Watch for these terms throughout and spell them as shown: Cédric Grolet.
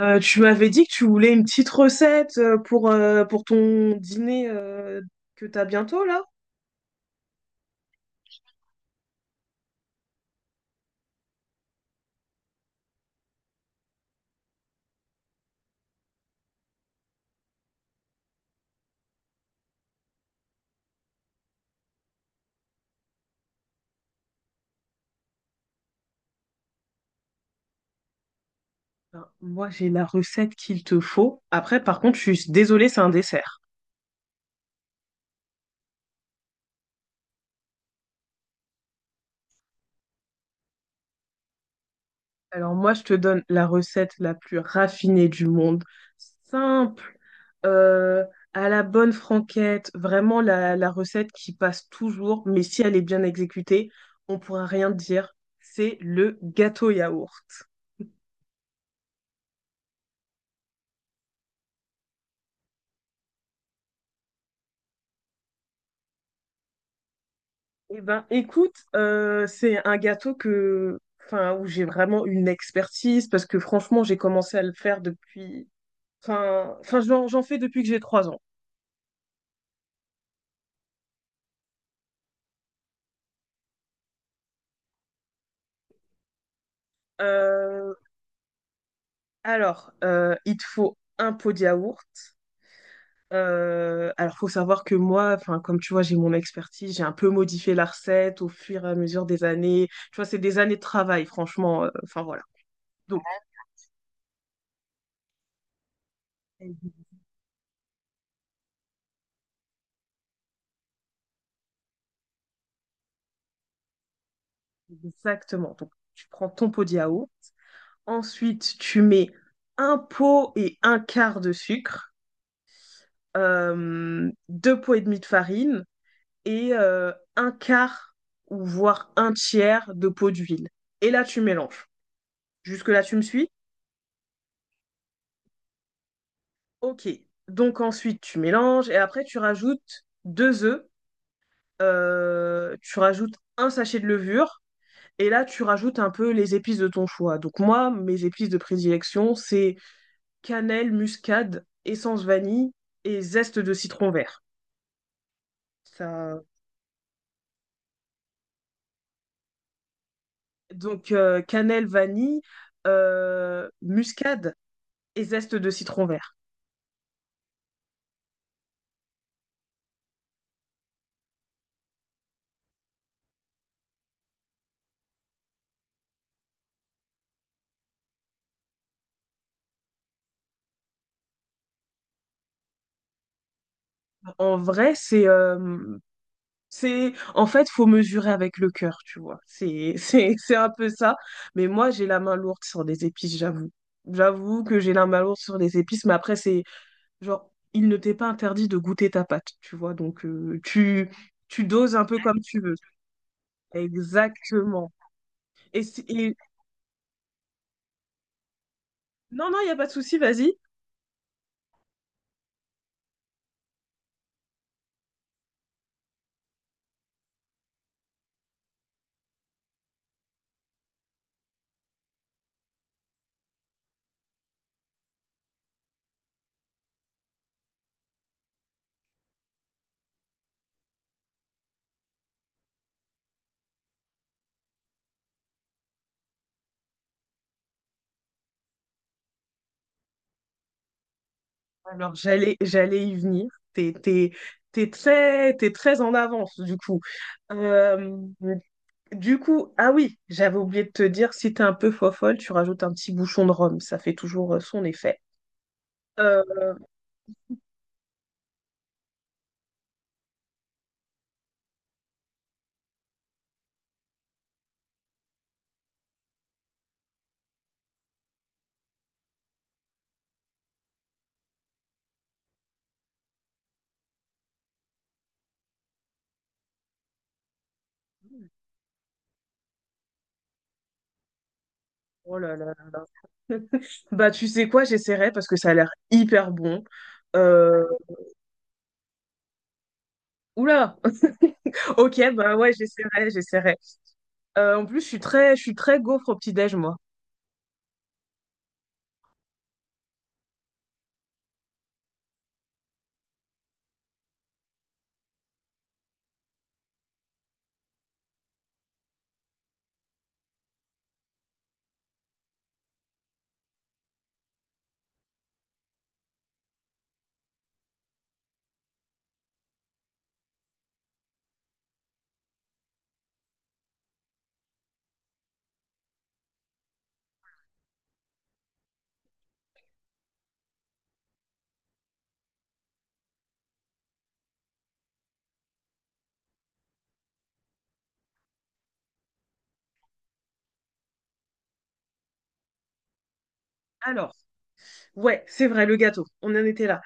Tu m'avais dit que tu voulais une petite recette pour ton dîner que t'as bientôt là? Ben, moi j'ai la recette qu'il te faut. Après par contre je suis désolée, c'est un dessert. Alors moi je te donne la recette la plus raffinée du monde. Simple, euh, à la bonne franquette, vraiment la recette qui passe toujours, mais si elle est bien exécutée, on pourra rien dire. C'est le gâteau yaourt. Eh ben, écoute, c'est un gâteau que, enfin, où j'ai vraiment une expertise parce que franchement, j'ai commencé à le faire depuis, enfin, j'en fais depuis que j'ai 3 ans. Euh, il te faut un pot de yaourt. Alors, faut savoir que moi, enfin, comme tu vois, j'ai mon expertise, j'ai un peu modifié la recette au fur et à mesure des années. Tu vois, c'est des années de travail, franchement. Enfin, voilà. Exactement. Donc, tu prends ton pot de yaourt. Ensuite, tu mets un pot et un quart de sucre, deux pots et demi de farine et un quart ou voire un tiers de pot d'huile. Et là, tu mélanges. Jusque-là, tu me suis? Ok. Donc ensuite, tu mélanges et après, tu rajoutes deux œufs, tu rajoutes un sachet de levure et là, tu rajoutes un peu les épices de ton choix. Donc moi, mes épices de prédilection, c'est cannelle, muscade, essence vanille et zeste de citron vert. Ça... Donc cannelle, vanille, muscade et zeste de citron vert. En vrai, c'est c'est, en fait, faut mesurer avec le cœur, tu vois. C'est un peu ça. Mais moi, j'ai la main lourde sur les épices, j'avoue. J'avoue que j'ai la main lourde sur les épices, mais après, c'est genre, il ne t'est pas interdit de goûter ta pâte, tu vois. Donc, tu doses un peu comme tu veux. Exactement. Et, non, non, il n'y a pas de souci, vas-y. Alors, j'allais y venir. T'es, t'es, t'es très en avance, du coup. Euh, Du coup, ah oui, j'avais oublié de te dire, si t'es un peu fofolle, tu rajoutes un petit bouchon de rhum, ça fait toujours son effet. Euh, oh là là là là. Bah tu sais quoi, j'essaierai parce que ça a l'air hyper bon. Euh, Oula! Ok, bah ouais, j'essaierai. En plus, je suis très gaufre au petit-déj, moi. Alors. Ouais, c'est vrai, le gâteau. On en était là.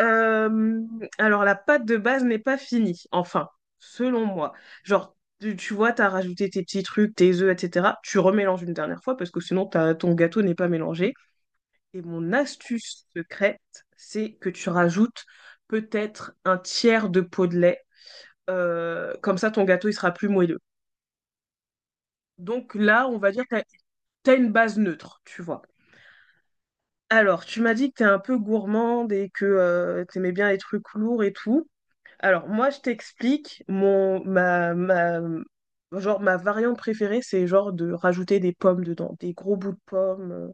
Euh, alors, la pâte de base n'est pas finie, enfin, selon moi. Genre, tu vois, t'as rajouté tes petits trucs, tes œufs, etc. Tu remélanges une dernière fois parce que sinon, t'as- ton gâteau n'est pas mélangé. Et mon astuce secrète, c'est que tu rajoutes peut-être un tiers de pot de lait. Comme ça, ton gâteau, il sera plus moelleux. Donc là, on va dire que t'as une base neutre, tu vois. Alors, tu m'as dit que t'es un peu gourmande et que tu t'aimais bien les trucs lourds et tout. Alors, moi, je t'explique, mon ma, ma genre ma variante préférée, c'est genre de rajouter des pommes dedans, des gros bouts de pommes.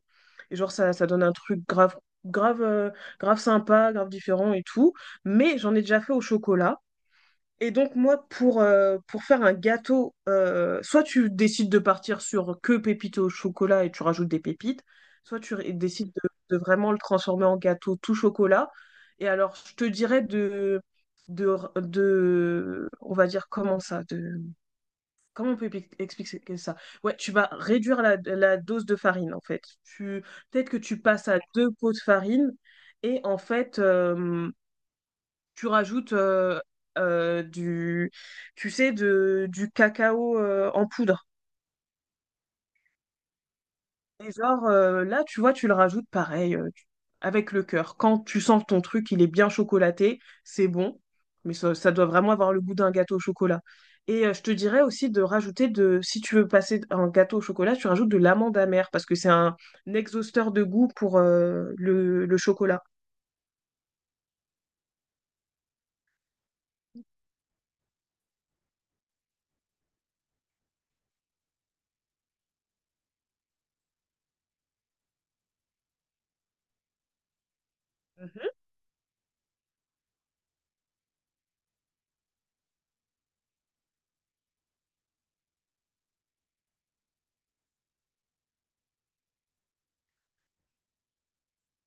Et genre, ça donne un truc grave, grave, euh, grave sympa, grave différent et tout. Mais j'en ai déjà fait au chocolat. Et donc, moi, pour faire un gâteau, soit tu décides de partir sur que pépites au chocolat et tu rajoutes des pépites, soit tu décides de vraiment le transformer en gâteau tout chocolat. Et alors, je te dirais de, on va dire comment ça, de, comment on peut expliquer ça? Ouais, tu vas réduire la dose de farine, en fait. Tu, peut-être que tu passes à deux pots de farine et en fait, tu rajoutes euh, du, tu sais, du cacao en poudre. Et genre, là, tu vois, tu le rajoutes pareil, avec le cœur. Quand tu sens ton truc, il est bien chocolaté, c'est bon, mais ça doit vraiment avoir le goût d'un gâteau au chocolat. Et je te dirais aussi de rajouter de, si tu veux passer un gâteau au chocolat, tu rajoutes de l'amande amère, parce que c'est un exhausteur de goût pour le chocolat. Mhm.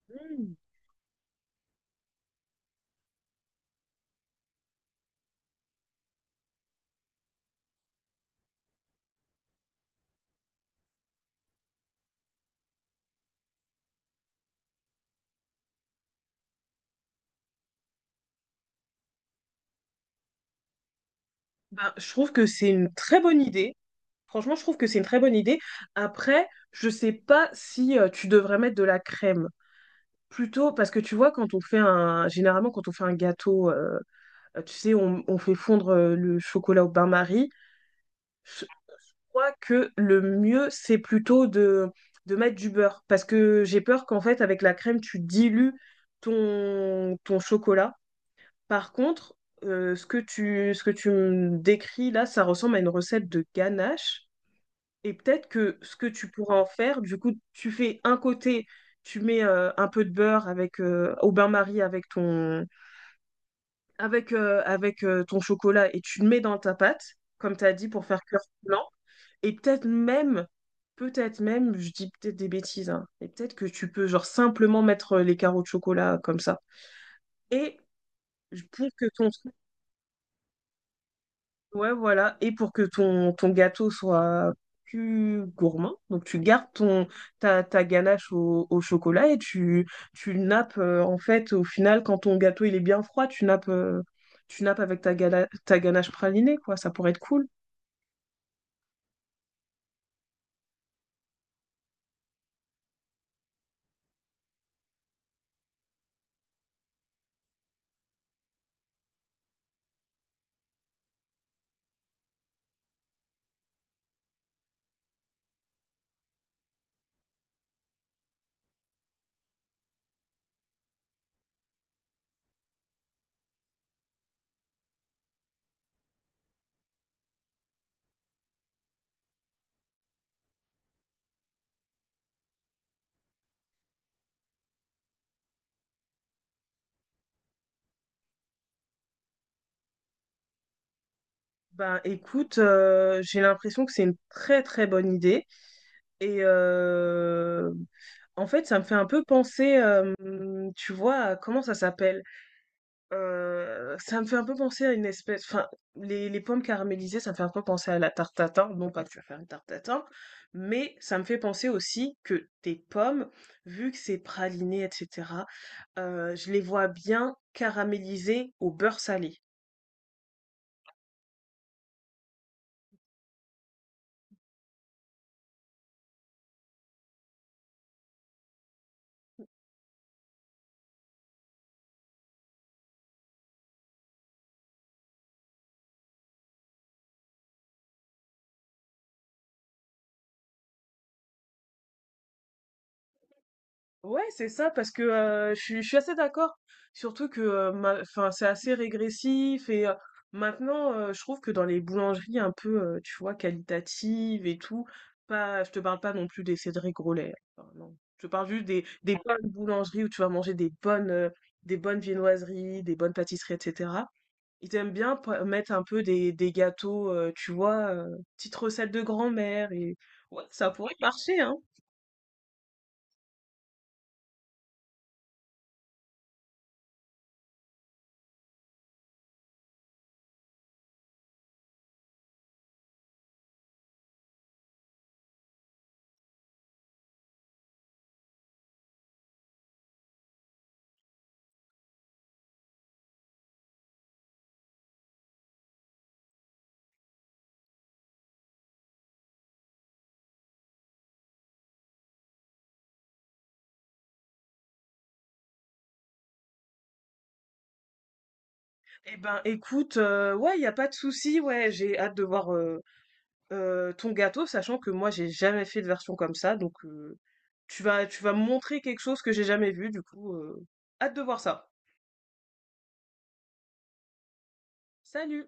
Mm. Ben, je trouve que c'est une très bonne idée. Franchement, je trouve que c'est une très bonne idée. Après, je sais pas si tu devrais mettre de la crème. Plutôt, parce que tu vois, quand on fait un, généralement, quand on fait un gâteau, tu sais, on fait fondre le chocolat au bain-marie. Je crois que le mieux, c'est plutôt de mettre du beurre. Parce que j'ai peur qu'en fait, avec la crème, tu dilues ton chocolat. Par contre, ce que ce que tu me décris là, ça ressemble à une recette de ganache. Et peut-être que ce que tu pourras en faire, du coup, tu fais un côté, tu mets un peu de beurre avec au bain-marie avec ton chocolat et tu le mets dans ta pâte, comme tu as dit, pour faire cœur blanc. Et peut-être même, je dis peut-être des bêtises, hein, et peut-être que tu peux genre simplement mettre les carreaux de chocolat comme ça. Et je- pour que ton Ouais, voilà. Et pour que ton gâteau soit plus gourmand, donc tu gardes ta ganache au chocolat et tu nappes, en fait, au final, quand ton gâteau il est bien froid, tu nappes avec ta ganache pralinée, quoi. Ça pourrait être cool. Ben écoute, j'ai l'impression que c'est une très très bonne idée. Et en fait, ça me fait un peu penser, tu vois, comment ça s'appelle? Ça me fait un peu penser à une espèce, enfin, les pommes caramélisées, ça me fait un peu penser à la tarte tatin. Bon, pas que je vais faire une tarte tatin, mais ça me fait penser aussi que tes pommes, vu que c'est praliné, etc., je les vois bien caramélisées au beurre salé. Ouais, c'est ça, parce que je suis assez d'accord. Surtout que enfin, c'est assez régressif et maintenant, je trouve que dans les boulangeries un peu, tu vois, qualitatives et tout, pas, je te parle pas non plus des Cédric Grolet. Hein, enfin, non. Je te parle juste des bonnes boulangeries où tu vas manger des bonnes viennoiseries, des bonnes pâtisseries, etc. Ils aiment bien mettre un peu des gâteaux, tu vois, petites recettes de grand-mère et ouais, ça pourrait marcher, hein. Eh ben, écoute, ouais, y a pas de souci, ouais, j'ai hâte de voir ton gâteau, sachant que moi, j'ai jamais fait de version comme ça, donc tu vas me montrer quelque chose que j'ai jamais vu, du coup, hâte de voir ça. Salut!